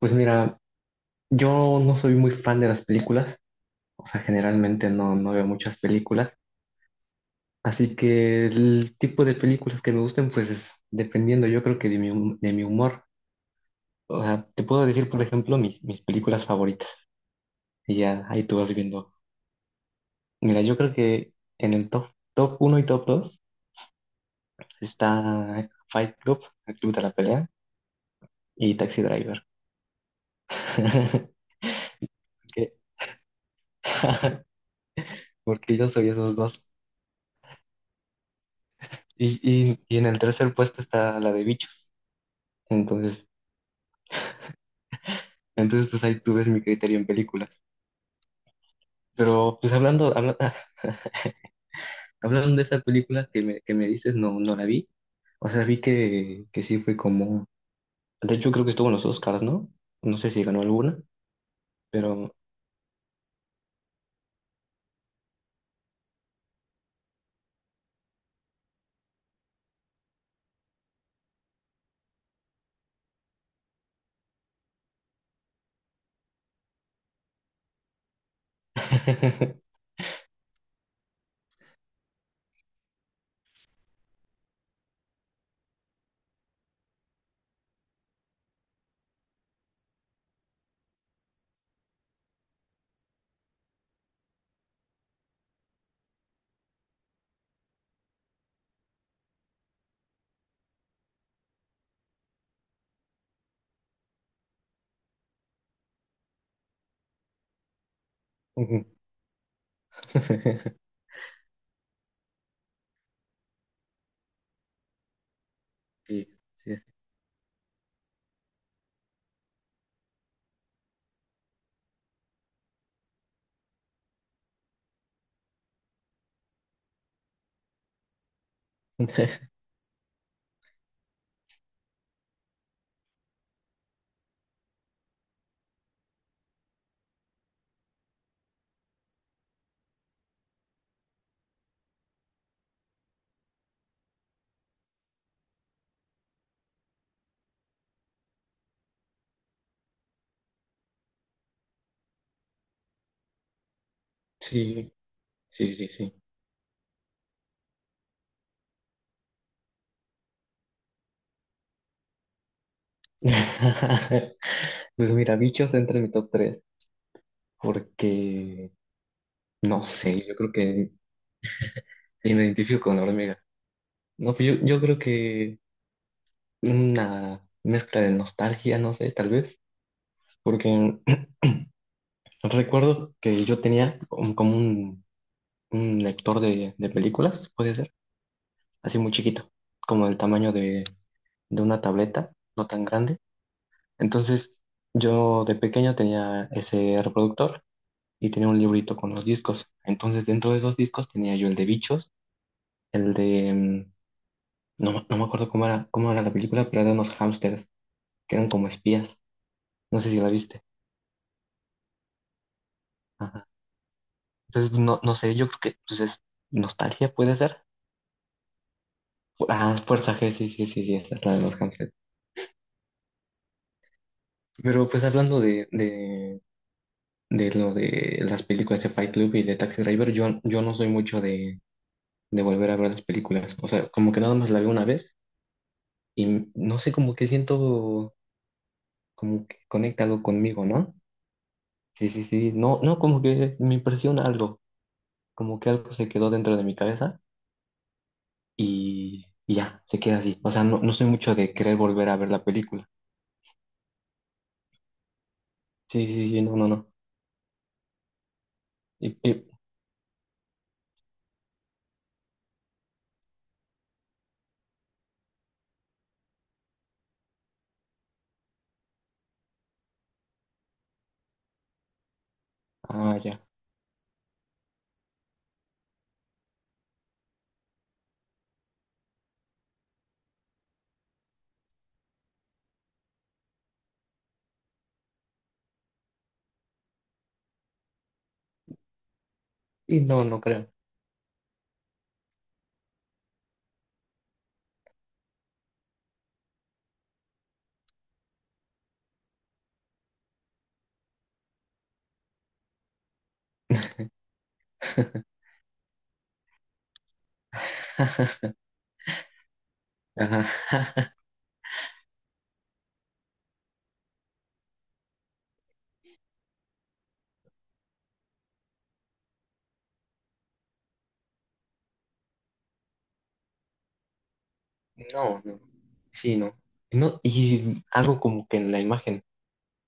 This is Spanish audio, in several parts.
Pues mira, yo no soy muy fan de las películas, o sea, generalmente no veo muchas películas, así que el tipo de películas que me gusten, pues es dependiendo, yo creo que de mi humor. O sea, te puedo decir, por ejemplo, mis películas favoritas, y ya ahí tú vas viendo. Mira, yo creo que en el top uno y top 2 está Fight Club, el Club de la Pelea, y Taxi Driver. Porque porque yo soy esos dos. Y en el tercer puesto está la de Bicho. Entonces, entonces pues ahí tú ves mi criterio en películas. Pero pues hablando de esa película que me dices, no, no la vi. O sea, vi que sí fue como... De hecho, creo que estuvo en los Oscars, ¿no? No sé si ganó alguna, pero... Ujú. Sí, sí, sí, sí, sí, sí. Pues mira, Bichos entra en mi top 3 porque, no sé, yo creo que sí me identifico con la hormiga. No, pues yo creo que una mezcla de nostalgia, no sé, tal vez, porque recuerdo que como un lector de películas, puede ser, así muy chiquito, como el tamaño de una tableta, no tan grande. Entonces, yo de pequeño tenía ese reproductor y tenía un librito con los discos. Entonces, dentro de esos discos tenía yo el de Bichos, el no, no me acuerdo cómo era la película, pero era de unos hámsters que eran como espías. No sé si la viste. Entonces, no, no sé, yo creo que pues es nostalgia, puede ser. Ah, Fuerza G, sí, sí, sí, sí, esa es la de los hamsters. Pero pues hablando de lo de las películas de Fight Club y de Taxi Driver, yo no soy mucho de volver a ver las películas. O sea, como que nada más la veo una vez y no sé, como que siento como que conecta algo conmigo, ¿no? Sí, sí, sí, no, no, como que me impresiona algo, como que algo se quedó dentro de mi cabeza y ya, se queda así. O sea, no, no soy mucho de querer volver a ver la película. Sí, sí, sí, no, no, no. Y, y- ah, ya. Y no, no creo. Ajá. No, no. Sí, no. No, y algo como que en la imagen,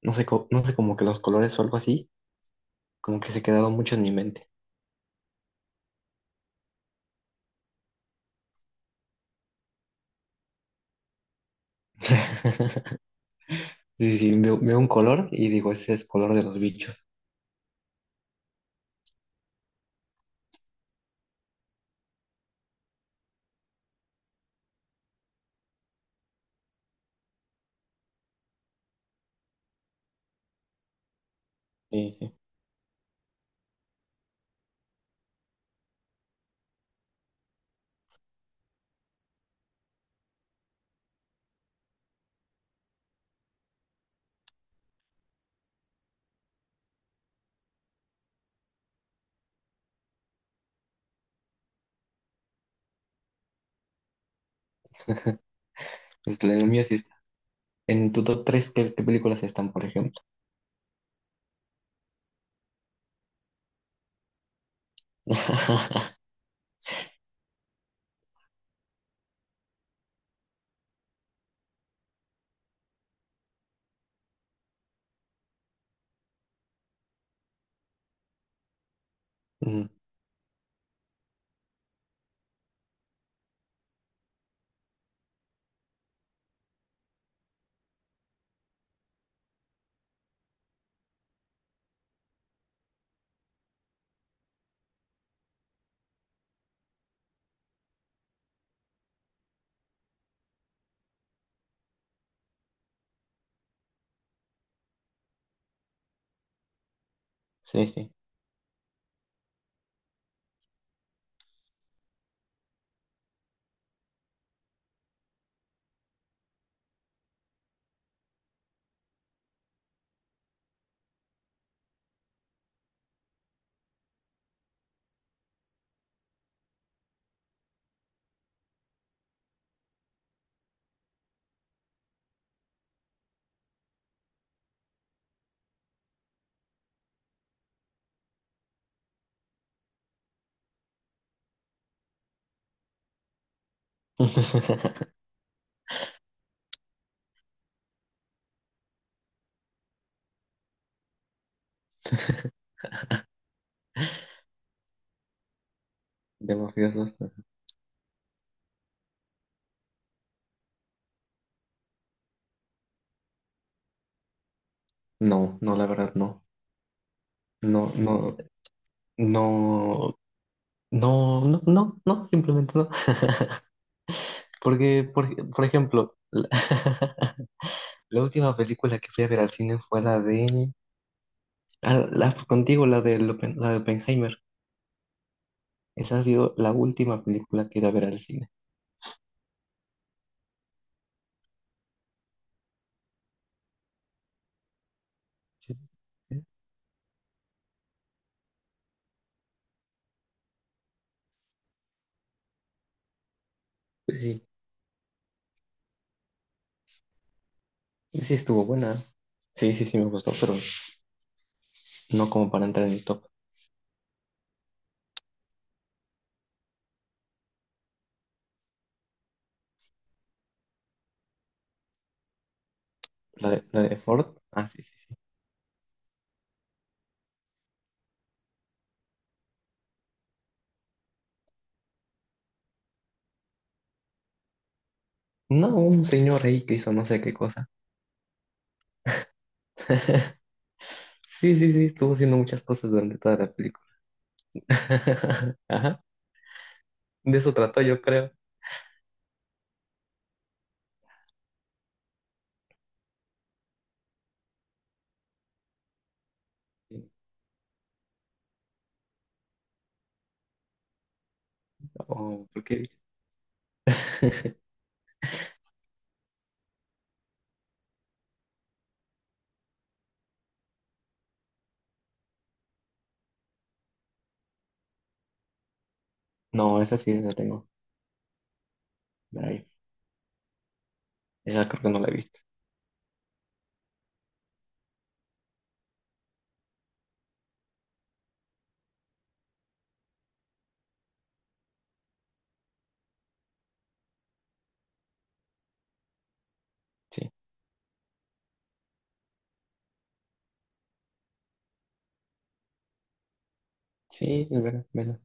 no sé, no sé, como que los colores o algo así, como que se quedaron mucho en mi mente. Sí, sí, veo, veo un color y digo, ese es color de los bichos. Sí, sí. Pues en el mío sí está. En tu top 3, ¿qué, qué películas están, por ejemplo? Mm, sí, sí. ¿De mafiosos? No, no, la verdad, no. No, no. No, no, no, no, no, simplemente no. Porque, por ejemplo, la, la última película que fui a ver al cine fue la de... ah, la, contigo, la de Oppenheimer. Esa ha sido la última película que iba a ver al cine. Sí, sí. Pues sí, sí estuvo buena. Sí, sí, sí me gustó, pero no como para entrar en el top. La de Ford. Ah, sí, sí, sí. No, un señor ahí que hizo no sé qué cosa. Sí, sí, sí, estuvo haciendo muchas cosas durante toda la película. Ajá. De eso trató, yo creo. Oh, porque... No, esa sí la tengo. Mira ahí esa creo que no la he visto. Sí, sí, es verdad,